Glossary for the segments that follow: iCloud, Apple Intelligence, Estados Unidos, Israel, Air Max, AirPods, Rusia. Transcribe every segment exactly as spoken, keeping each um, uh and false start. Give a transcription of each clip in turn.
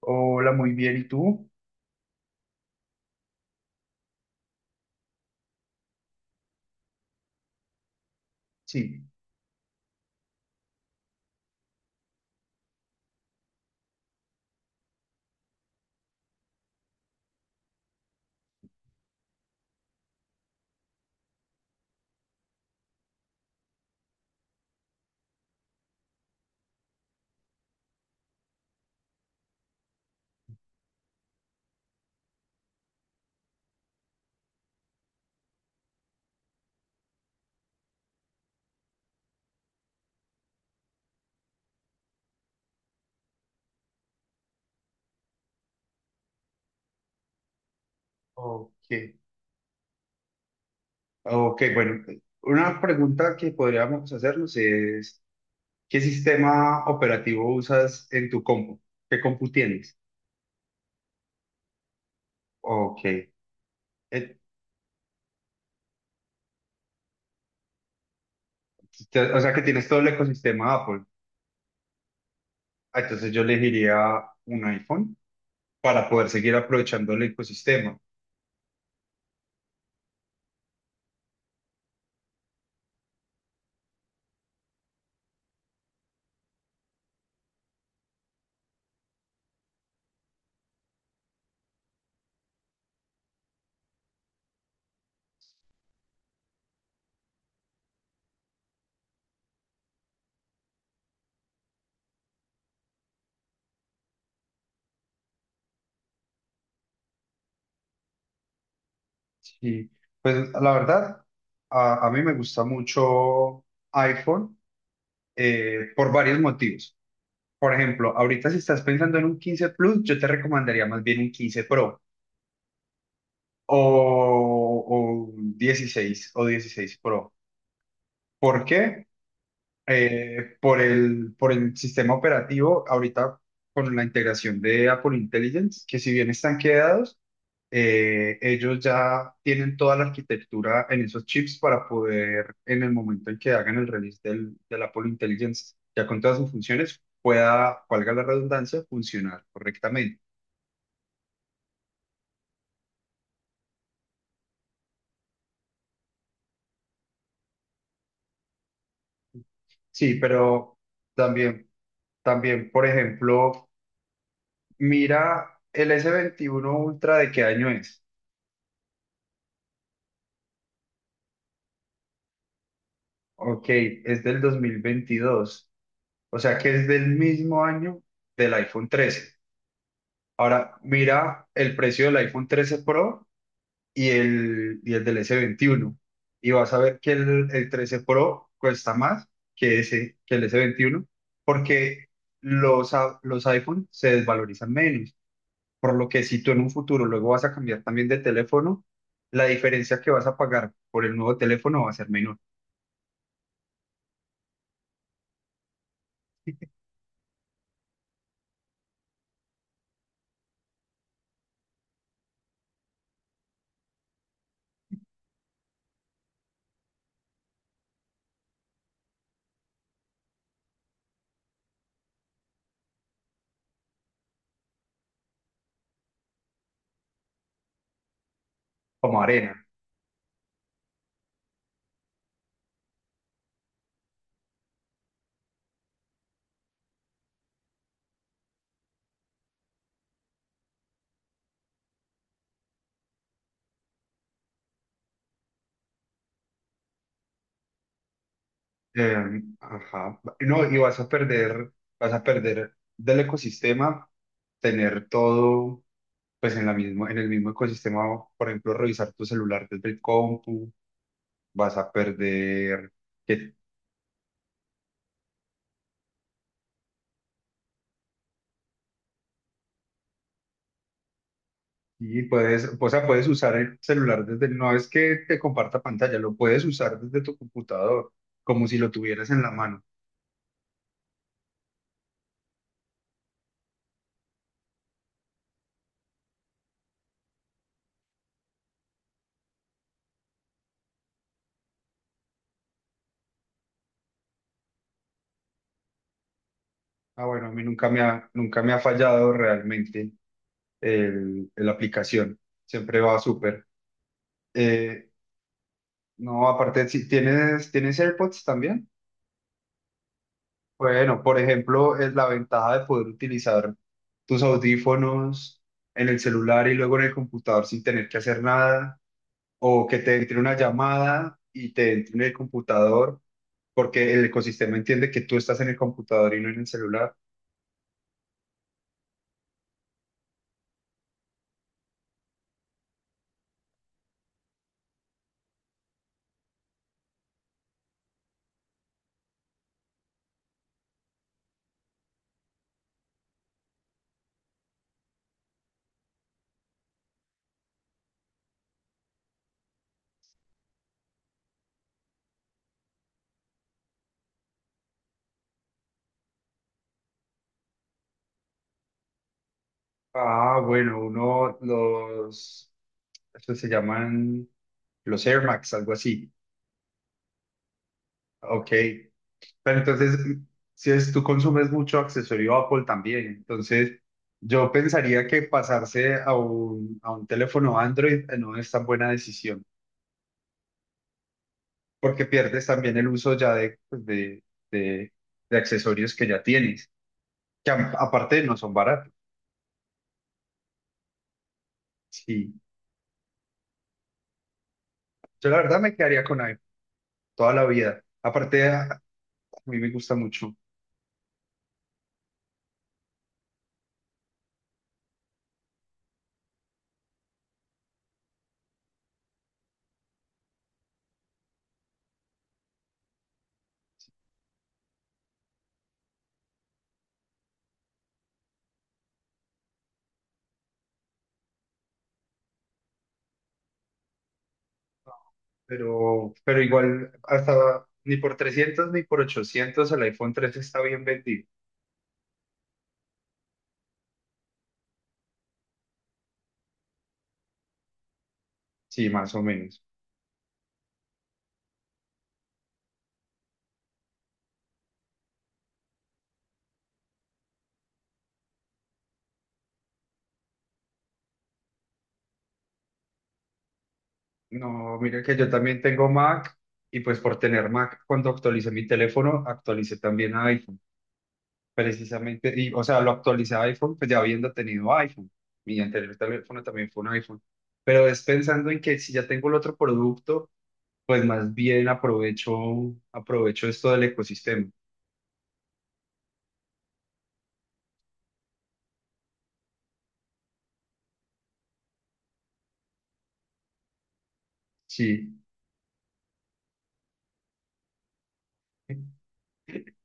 Hola, muy bien. ¿Y tú? Sí. Ok. Ok, bueno. Una pregunta que podríamos hacernos es, ¿qué sistema operativo usas en tu compu? ¿Qué compu tienes? Ok. Eh, te- O sea que tienes todo el ecosistema Apple. Ah, entonces yo elegiría un iPhone para poder seguir aprovechando el ecosistema. Sí. Pues la verdad, a, a mí me gusta mucho iPhone eh, por varios motivos. Por ejemplo, ahorita si estás pensando en un quince Plus, yo te recomendaría más bien un quince Pro o, o un dieciséis o dieciséis Pro. ¿Por qué? Eh, por el, por el sistema operativo, ahorita con la integración de Apple Intelligence, que si bien están quedados, eh, ellos ya tienen toda la arquitectura en esos chips para poder, en el momento en que hagan el release del, del Apple Intelligence, ya con todas sus funciones, pueda, valga la redundancia, funcionar correctamente. Sí, pero también, también, por ejemplo, mira el s veintiuno Ultra de qué año es. Ok, es del dos mil veintidós, o sea que es del mismo año del iPhone trece. Ahora, mira el precio del iPhone trece Pro y el, y el del s veintiuno. Y vas a ver que el, el trece Pro cuesta más que, ese, que el s veintiuno, porque los, a- los iPhone se desvalorizan menos. Por lo que si tú en un futuro luego vas a cambiar también de teléfono, la diferencia que vas a pagar por el nuevo teléfono va a ser menor, como arena. Eh, ajá. No, y vas a perder, vas a perder del ecosistema, tener todo, pues en la mismo, en el mismo ecosistema, por ejemplo, revisar tu celular desde el compu, vas a perder que y puedes, o sea, puedes usar el celular desde, no es que te comparta pantalla, lo puedes usar desde tu computador, como si lo tuvieras en la mano. Ah, bueno, a mí nunca me ha, nunca me ha fallado realmente el, la aplicación. Siempre va súper. Eh, no, aparte, si tienes, ¿tienes AirPods también? Bueno, por ejemplo, es la ventaja de poder utilizar tus audífonos en el celular y luego en el computador sin tener que hacer nada, o que te entre una llamada y te entre en el computador, porque el ecosistema entiende que tú estás en el computador y no en el celular. Ah, bueno, uno, los estos se llaman los Air Max, algo así. Ok. Pero entonces, si es, tú consumes mucho accesorio Apple también, entonces yo pensaría que pasarse a un, a un teléfono Android, eh, no es tan buena decisión, porque pierdes también el uso ya de, pues, de, de, de accesorios que ya tienes, que a- aparte no son baratos. Sí. Yo la verdad me quedaría con iPhone toda la vida. Aparte, a a mí me gusta mucho. pero, pero igual hasta ni por trescientos ni por ochocientos el iPhone tres está bien vendido. Sí, más o menos. No, mira que yo también tengo Mac y pues por tener Mac, cuando actualicé mi teléfono, actualicé también a iPhone, precisamente, y, o sea, lo actualicé a iPhone, pues ya habiendo tenido iPhone. Mi anterior teléfono también fue un iPhone. Pero es pensando en que si ya tengo el otro producto, pues más bien aprovecho, aprovecho esto del ecosistema. Sí.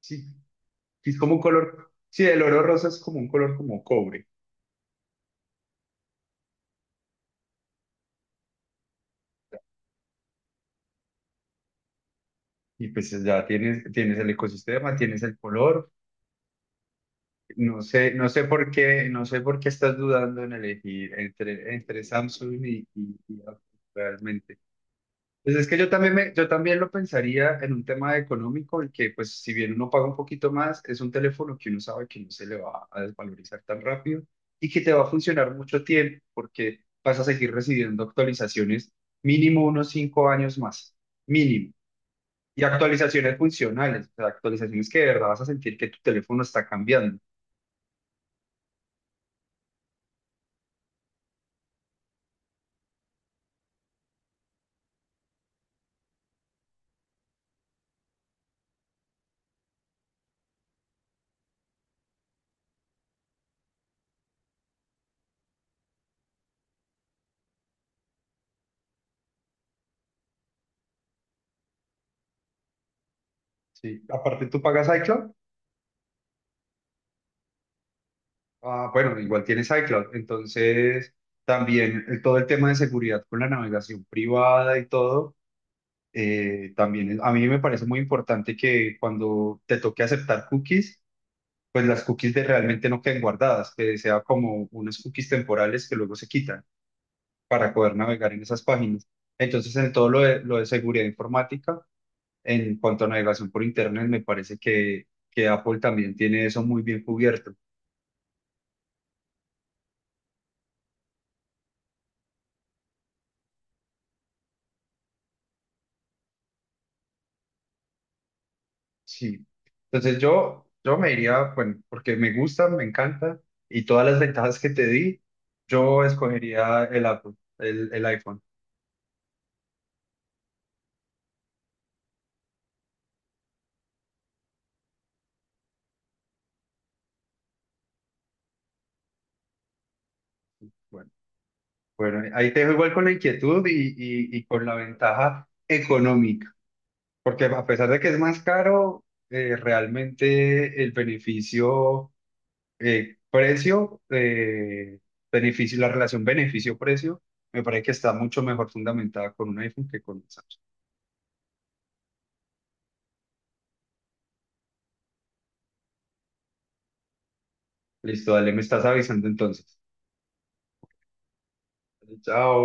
Sí, es como un color, sí, el oro rosa es como un color como cobre. Y pues ya tienes, tienes el ecosistema, tienes el color. No sé, no sé por qué, no sé por qué estás dudando en elegir entre, entre Samsung y, y- y Apple, realmente. Pues es que yo también, me- yo también lo pensaría en un tema económico, en que pues si bien uno paga un poquito más, es un teléfono que uno sabe que no se le va a desvalorizar tan rápido y que te va a funcionar mucho tiempo porque vas a seguir recibiendo actualizaciones mínimo unos cinco años más, mínimo. Y actualizaciones funcionales, o sea, actualizaciones que de verdad vas a sentir que tu teléfono está cambiando. Sí. Aparte tú pagas iCloud. Ah, bueno, igual tienes iCloud, entonces también el- todo el tema de seguridad con la navegación privada y todo, eh, también es- a mí me parece muy importante que cuando te toque aceptar cookies, pues las cookies de realmente no queden guardadas, que sea como unas cookies temporales que luego se quitan para poder navegar en esas páginas. Entonces, en todo lo de, lo de seguridad informática, en cuanto a navegación por Internet, me parece que, que Apple también tiene eso muy bien cubierto. Sí. Entonces yo, yo me iría, bueno, porque me gusta, me encanta y todas las ventajas que te di, yo escogería el Apple, el, el iPhone. Bueno, bueno, ahí te dejo igual con la inquietud y, y- y con la ventaja económica, porque a pesar de que es más caro, eh, realmente el beneficio, eh, precio, eh, beneficio, la relación beneficio-precio, me parece que está mucho mejor fundamentada con un iPhone que con un Samsung. Listo, dale, me estás avisando entonces. Chao.